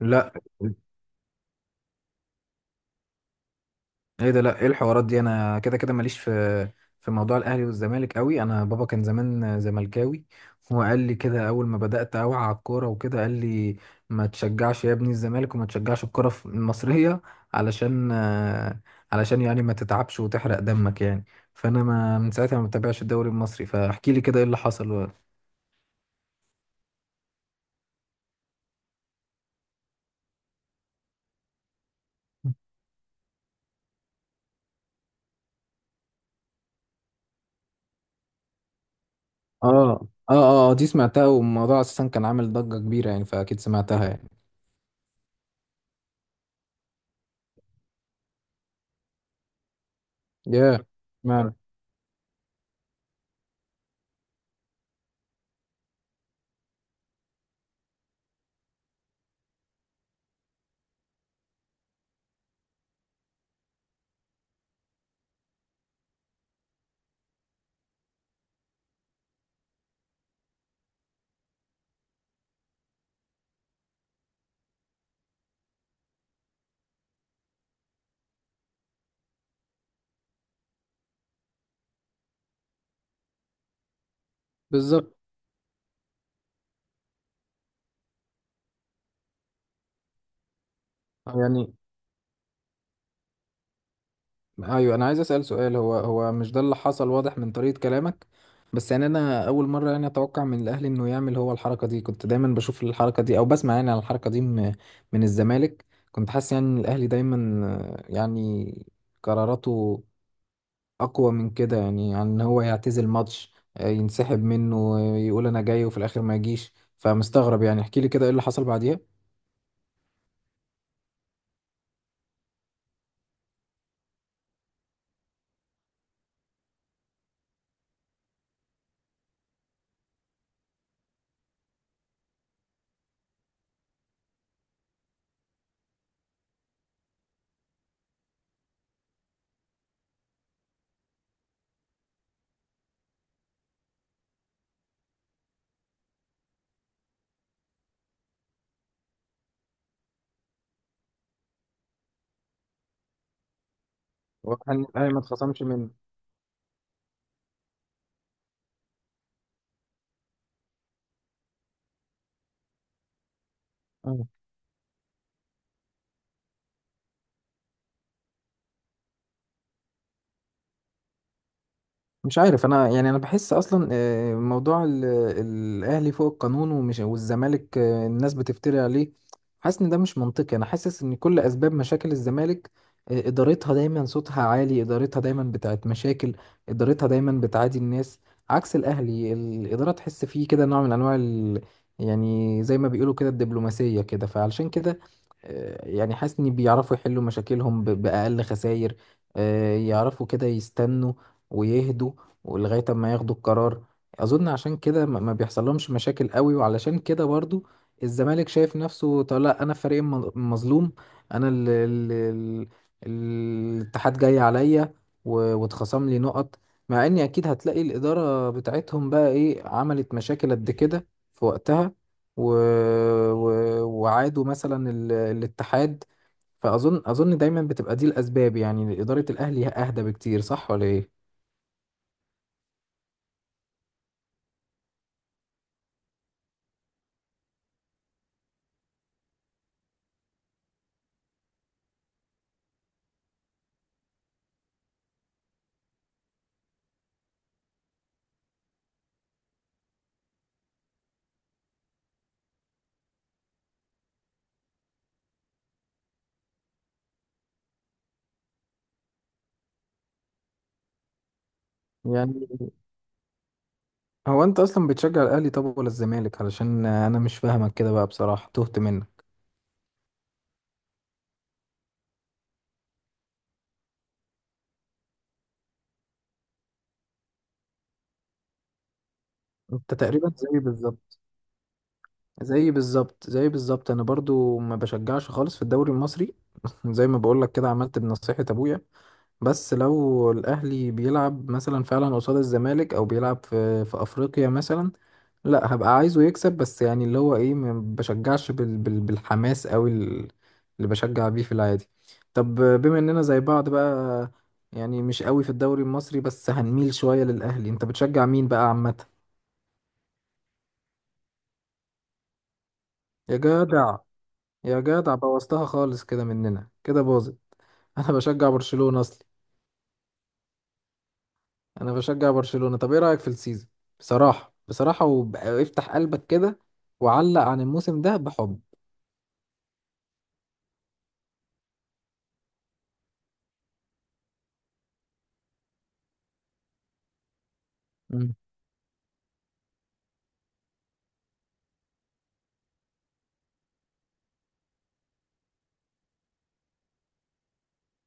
لا. ايه ده لا ايه الحوارات دي، انا كده كده ماليش في موضوع الاهلي والزمالك قوي. انا بابا كان زمان زملكاوي، هو قال لي كده اول ما بدات اوعى على الكوره وكده، قال لي ما تشجعش يا ابني الزمالك وما تشجعش الكوره المصريه، علشان علشان يعني ما تتعبش وتحرق دمك يعني. فانا ما من ساعتها ما بتابعش الدوري المصري، فاحكي لي كده ايه اللي حصل. اه اه اه دي سمعتها، والموضوع اساسا كان عامل ضجة كبيرة يعني، فاكيد سمعتها يعني. ياه yeah. بالظبط. يعني ايوه انا عايز اسال سؤال، هو مش ده اللي حصل؟ واضح من طريقه كلامك. بس يعني انا اول مره يعني اتوقع من الاهلي انه يعمل هو الحركه دي، كنت دايما بشوف الحركه دي او بسمع يعني عن الحركه دي من من الزمالك. كنت حاسس يعني ان الاهلي دايما يعني قراراته اقوى من كده، يعني عن ان هو يعتزل ماتش، ينسحب منه، يقول انا جاي وفي الاخر ما يجيش. فمستغرب يعني، احكي لي كده ايه اللي حصل بعديها. واضح ان الاهلي ما اتخصمش منه. مش عارف انا يعني، انا بحس اصلا موضوع الاهلي فوق القانون ومش والزمالك الناس بتفتري عليه، حاسس ان ده مش منطقي. انا حاسس ان كل اسباب مشاكل الزمالك، ادارتها دايما صوتها عالي، ادارتها دايما بتاعت مشاكل، ادارتها دايما بتعادي الناس، عكس الاهلي الاداره تحس فيه كده نوع من انواع يعني زي ما بيقولوا كده الدبلوماسيه كده. فعلشان كده يعني حاسس ان بيعرفوا يحلوا مشاكلهم باقل خسائر، يعرفوا كده يستنوا ويهدوا ولغاية ما ياخدوا القرار. عشان كده ما بيحصل لهمش مشاكل قوي، وعلشان كده برضو الزمالك شايف نفسه، طب لا أنا فريق المظلوم، أنا ال الاتحاد جاي عليا واتخصم لي نقط، مع إني أكيد هتلاقي الإدارة بتاعتهم بقى إيه عملت مشاكل قد كده في وقتها و... وعادوا مثلا الاتحاد. فأظن دايما بتبقى دي الأسباب، يعني إدارة الأهلي أهدى بكتير، صح ولا إيه؟ يعني هو انت اصلا بتشجع الاهلي طب ولا الزمالك؟ علشان انا مش فاهمك كده بقى بصراحه، تهت منك. انت تقريبا زي بالظبط، زي بالظبط انا برضو ما بشجعش خالص في الدوري المصري. زي ما بقول لك كده، عملت بنصيحه ابويا. بس لو الأهلي بيلعب مثلا فعلا قصاد الزمالك أو بيلعب في في أفريقيا مثلا، لا هبقى عايزه يكسب، بس يعني اللي هو إيه، ما بشجعش بال بالحماس أوي اللي بشجع بيه في العادي. طب بما إننا زي بعض بقى، يعني مش قوي في الدوري المصري بس هنميل شوية للأهلي، أنت بتشجع مين بقى عامة؟ يا جدع يا جدع بوظتها خالص، كده مننا كده باظت. أنا بشجع برشلونة أصلا. انا بشجع برشلونة. طب ايه رأيك في السيزون؟ بصراحة بصراحة وافتح قلبك كده، وعلق عن الموسم ده، بحب. مم.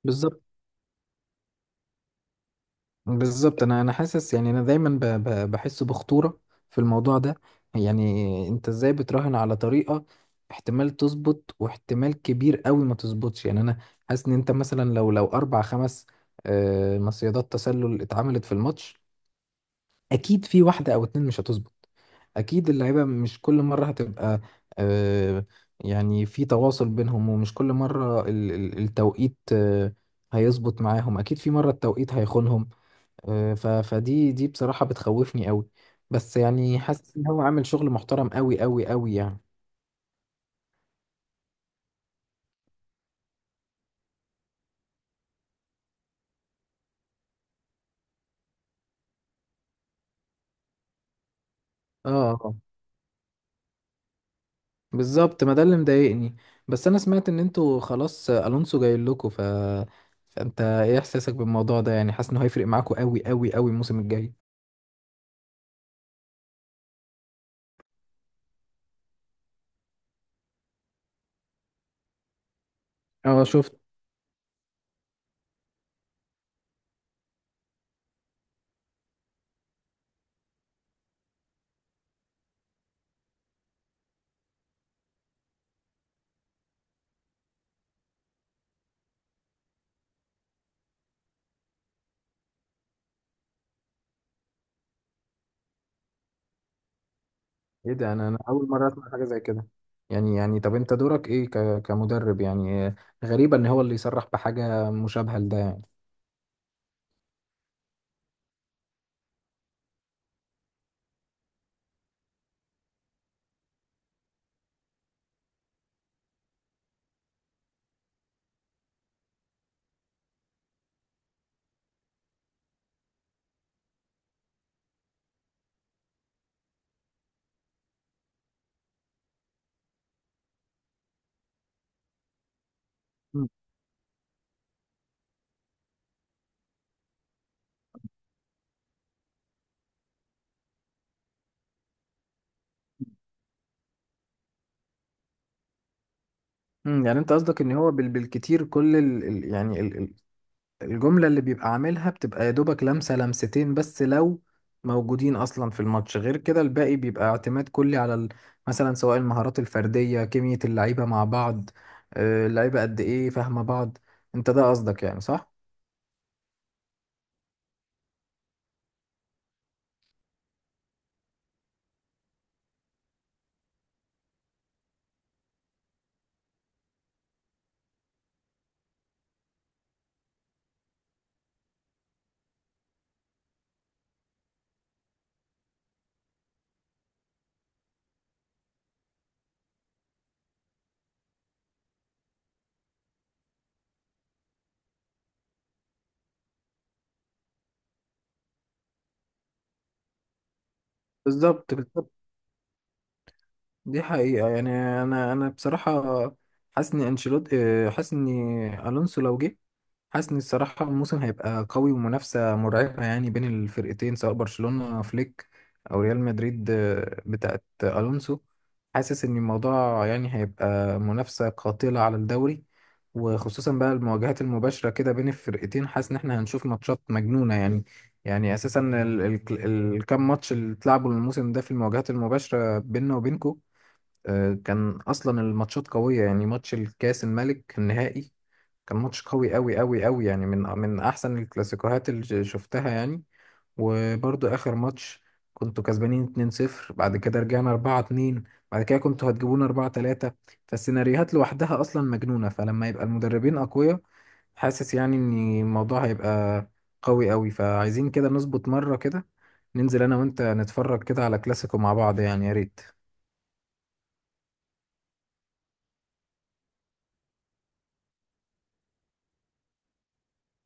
بالظبط بالظبط. انا انا حاسس يعني، انا دايما بحس بخطورة في الموضوع ده. يعني انت ازاي بتراهن على طريقة احتمال تظبط واحتمال كبير قوي ما تظبطش؟ يعني انا حاسس ان انت مثلا لو لو اربع خمس مصيدات تسلل اتعملت في الماتش، اكيد في واحدة او اتنين مش هتظبط. اكيد اللعيبه مش كل مره هتبقى آه، يعني في تواصل بينهم، ومش كل مره التوقيت هيظبط معاهم، اكيد في مره التوقيت هيخونهم. فدي دي بصراحه بتخوفني قوي. بس يعني حاسس ان هو عامل شغل محترم قوي قوي قوي يعني. اه آه. بالظبط، ما ده اللي مضايقني. بس انا سمعت ان انتوا خلاص الونسو جاي لكم، فانت ايه احساسك بالموضوع ده؟ يعني حاسس انه هيفرق معاكم قوي قوي قوي الموسم الجاي؟ اه شفت. ايه ده، انا انا اول مره اسمع حاجه زي كده. يعني طب انت دورك ايه كمدرب يعني؟ غريبه ان هو اللي يصرح بحاجه مشابهه لده يعني. مم. مم، يعني انت قصدك ان هو بالكتير كل الجمله اللي بيبقى عاملها بتبقى يا دوبك لمسه لمستين بس لو موجودين اصلا في الماتش، غير كده الباقي بيبقى اعتماد كلي على مثلا سواء المهارات الفرديه، كيمياء اللعيبه مع بعض، اللعيبه قد ايه فاهمه بعض. انت ده قصدك يعني، صح؟ بالظبط بالظبط، دي حقيقة يعني. أنا أنا بصراحة حاسس إن أنشيلوتي، حاسس إن ألونسو لو جه، حاسس إن الصراحة الموسم هيبقى قوي ومنافسة مرعبة يعني بين الفرقتين، سواء برشلونة فليك أو ريال مدريد بتاعت ألونسو. حاسس إن الموضوع يعني هيبقى منافسة قاتلة على الدوري، وخصوصا بقى المواجهات المباشرة كده بين الفرقتين، حاسس إن إحنا هنشوف ماتشات مجنونة يعني. يعني أساسا الكام ماتش اللي اتلعبوا الموسم ده في المواجهات المباشرة بيننا وبينكو، كان اصلا الماتشات قويه يعني. ماتش الكاس الملك النهائي كان ماتش قوي قوي قوي قوي يعني، من من احسن الكلاسيكوهات اللي شفتها يعني. وبرضو اخر ماتش كنتوا كسبانين 2-0، بعد كده رجعنا 4-2، بعد كده كنتوا هتجيبونا 4-3. فالسيناريوهات لوحدها اصلا مجنونه، فلما يبقى المدربين اقوياء حاسس يعني ان الموضوع هيبقى قوي قوي. فعايزين كده نظبط مره كده، ننزل انا وانت نتفرج كده على كلاسيكو مع بعض يعني، يا ريت.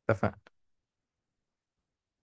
اتفقنا.